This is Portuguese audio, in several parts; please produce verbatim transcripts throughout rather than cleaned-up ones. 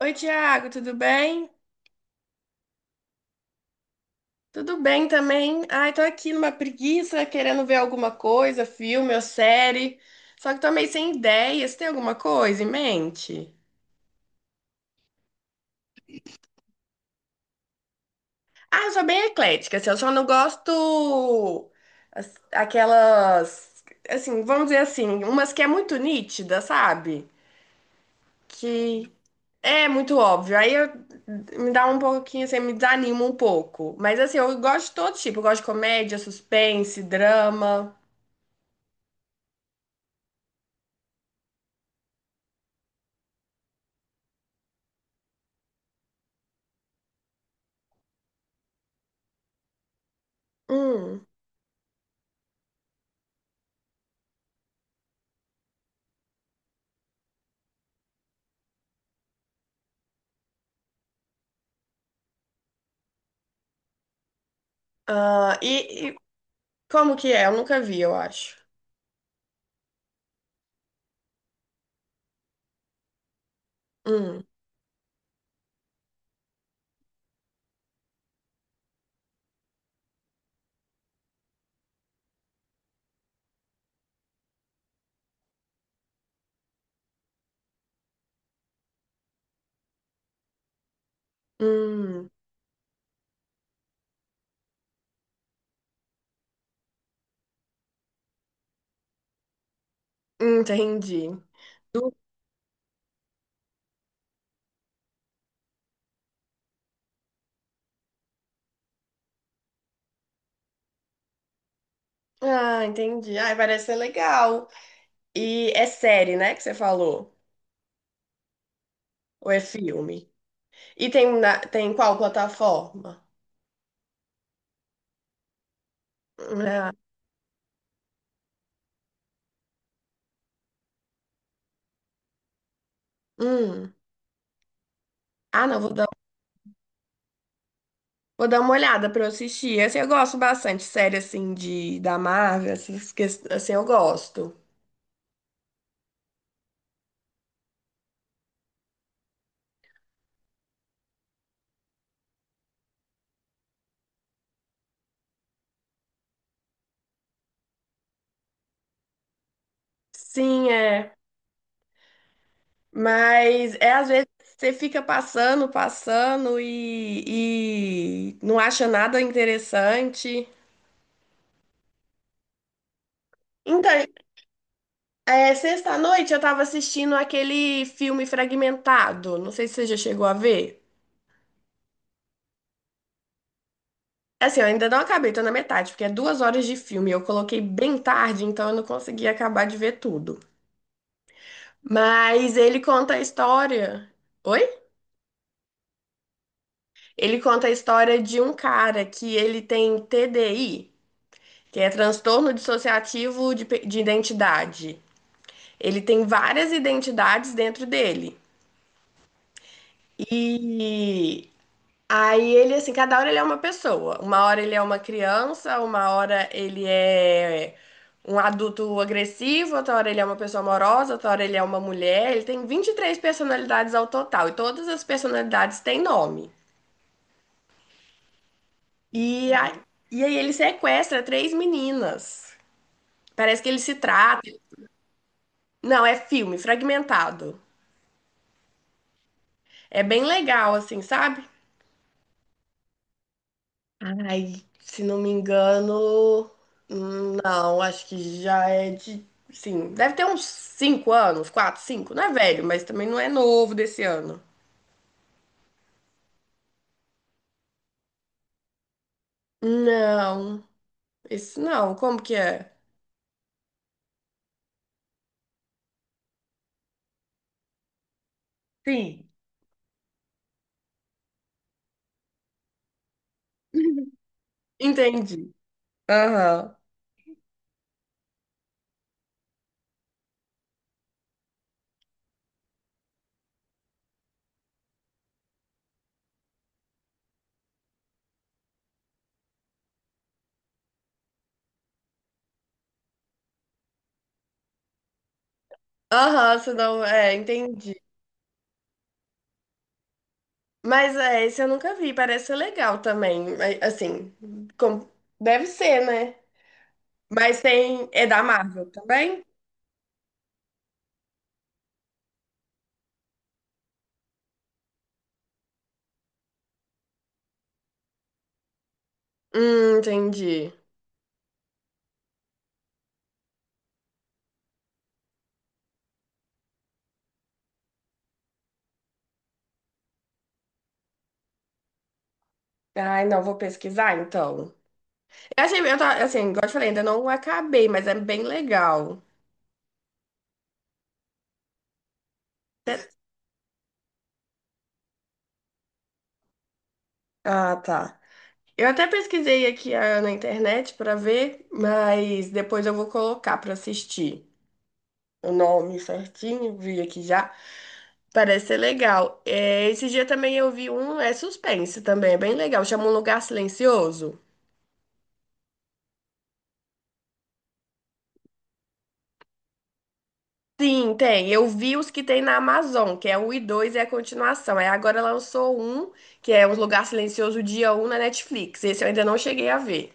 Oi, Tiago, tudo bem? Tudo bem também. Ai, tô aqui numa preguiça, querendo ver alguma coisa, filme ou série. Só que tô meio sem ideias. Tem alguma coisa em mente? Ah, eu sou bem eclética, assim, eu só não gosto as- aquelas, assim, vamos dizer assim, umas que é muito nítida, sabe? Que é muito óbvio. Aí eu- me dá um pouquinho, assim, me desanima um pouco. Mas assim, eu gosto de todo tipo. Eu gosto de comédia, suspense, drama. Hum. Ah, e, e como que é? Eu nunca vi, eu acho. Hum, hum, hum, entendi. Du- Ah, entendi. Ai, parece ser legal. E é série, né, que você falou? Ou é filme? E tem, na, tem qual plataforma? Ah, hum. Ah, não, vou dar, vou dar uma olhada pra eu assistir. Assim, eu gosto bastante, série assim, de, da Marvel, essas ques- assim, eu gosto. Sim, é. Mas é às vezes você fica passando, passando e, e não acha nada interessante. Então, é, sexta-noite eu tava assistindo aquele filme Fragmentado. Não sei se você já chegou a ver. Assim, eu ainda não acabei, tô na metade, porque é duas horas de filme. Eu coloquei bem tarde, então eu não consegui acabar de ver tudo. Mas ele conta a história. Oi? Ele conta a história de um cara que ele tem T D I, que é transtorno dissociativo de, pe- de identidade. Ele tem várias identidades dentro dele. E aí ele, assim, cada hora ele é uma pessoa. Uma hora ele é uma criança, uma hora ele é um adulto agressivo, outra hora ele é uma pessoa amorosa, outra hora ele é uma mulher. Ele tem vinte e três personalidades ao total, e todas as personalidades têm nome. E, a- Uhum. E aí ele sequestra três meninas. Parece que ele se trata. Não, é filme, fragmentado. É bem legal, assim, sabe? Ai, se não me engano, não, acho que já é de, sim, deve ter uns cinco anos, quatro, cinco, não é velho, mas também não é novo desse ano. Não, esse não, como que é? Sim. Entendi. Aham. Aham, senão é, entendi. Mas é, esse eu nunca vi, parece ser legal também, é, assim, com- deve ser, né? Mas tem, é da Marvel também? Hum, entendi. Ai, não, vou pesquisar então. Eu achei, eu tava, assim, igual eu te falei, ainda não acabei, mas é bem legal. Até- Ah, tá. Eu até pesquisei aqui ah, na internet pra ver, mas depois eu vou colocar pra assistir o nome certinho, vi aqui já. Parece ser legal. É, esse dia também eu vi um, é suspense também, é bem legal. Chama Um Lugar Silencioso. Sim, tem. Eu vi os que tem na Amazon, que é o um e dois é a continuação. Aí agora lançou um, que é Um Lugar Silencioso, dia um na Netflix. Esse eu ainda não cheguei a ver.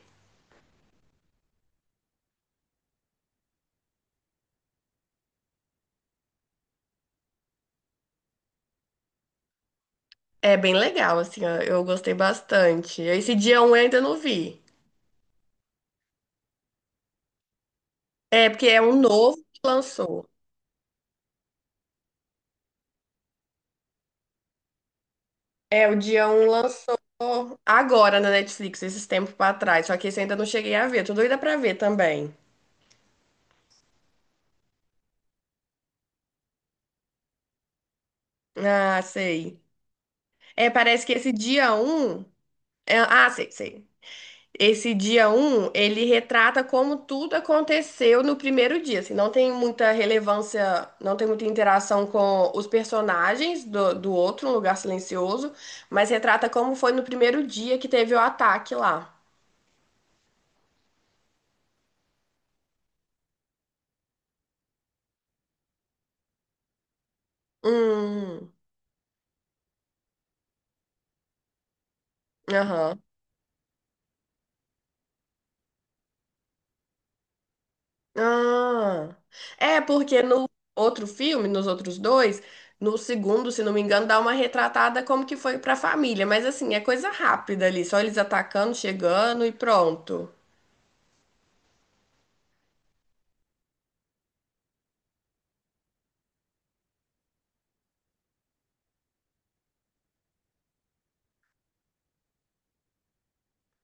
É bem legal, assim, ó, eu gostei bastante. Esse dia um eu ainda não vi. É, porque é um novo que lançou. É, o dia um lançou agora na Netflix, esses tempos pra trás. Só que esse eu ainda não cheguei a ver. Tô doida pra ver também. Ah, sei. É, parece que esse dia um é- Ah, sei, sei. Esse dia um ele retrata como tudo aconteceu no primeiro dia, assim, não tem muita relevância, não tem muita interação com os personagens do, do outro, Um Lugar Silencioso, mas retrata como foi no primeiro dia que teve o ataque lá. Hum, aham. Ah, é porque no outro filme, nos outros dois, no segundo, se não me engano, dá uma retratada como que foi pra família, mas assim, é coisa rápida ali, só eles atacando, chegando e pronto.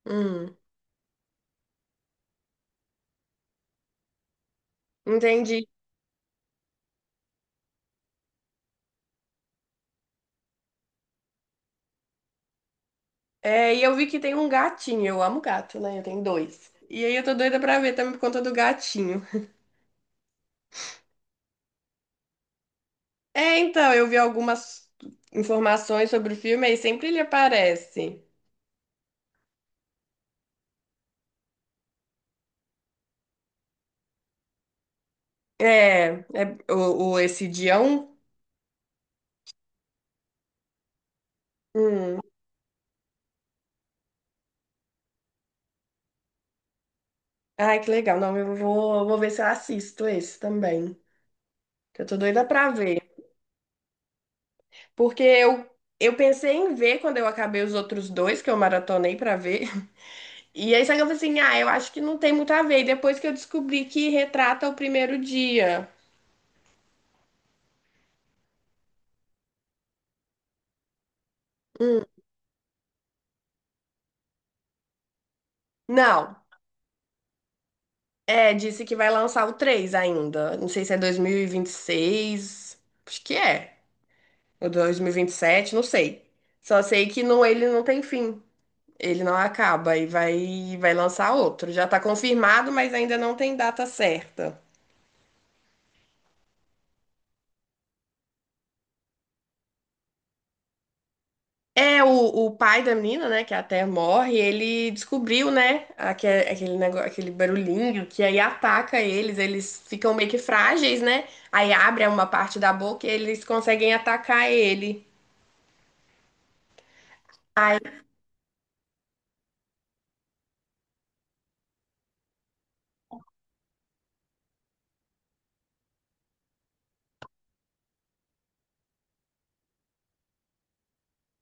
Hum. Entendi. É, e eu vi que tem um gatinho. Eu amo gato, né? Eu tenho dois. E aí eu tô doida pra ver também por conta do gatinho. É, então, eu vi algumas informações sobre o filme aí sempre ele aparece. É, é o, o esse Dião. Hum. Ai, que legal. Não, eu vou, vou ver se eu assisto esse também, que eu tô doida pra ver. Porque eu, eu pensei em ver quando eu acabei os outros dois que eu maratonei pra ver. E aí, só que eu falei assim, ah, eu acho que não tem muito a ver. E depois que eu descobri que retrata o primeiro dia. Não, é, disse que vai lançar o três ainda. Não sei se é dois mil e e vinte e seis acho que é. Ou dois mil e vinte e sete, não sei. Só sei que não, ele não tem fim. Ele não acaba e vai, vai lançar outro. Já tá confirmado, mas ainda não tem data certa. É, o, o pai da menina, né, que até morre, ele descobriu, né, aque- aquele negócio, aquele barulhinho que aí ataca eles, eles ficam meio que frágeis, né? Aí abre uma parte da boca e eles conseguem atacar ele. Aí,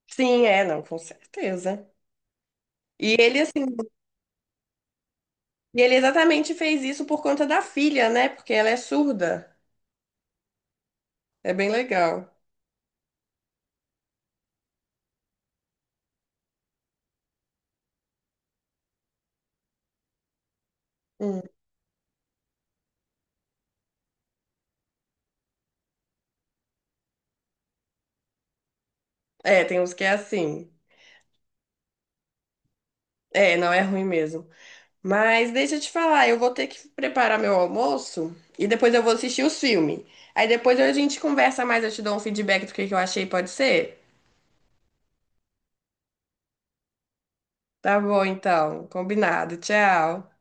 sim, é, não, com certeza. E ele, assim, e ele exatamente fez isso por conta da filha, né? Porque ela é surda. É bem legal. Hum. É, tem uns que é assim. É, não é ruim mesmo. Mas deixa eu te falar, eu vou ter que preparar meu almoço e depois eu vou assistir os filmes. Aí depois a gente conversa mais, eu te dou um feedback do que que eu achei, pode ser? Tá bom, então. Combinado. Tchau.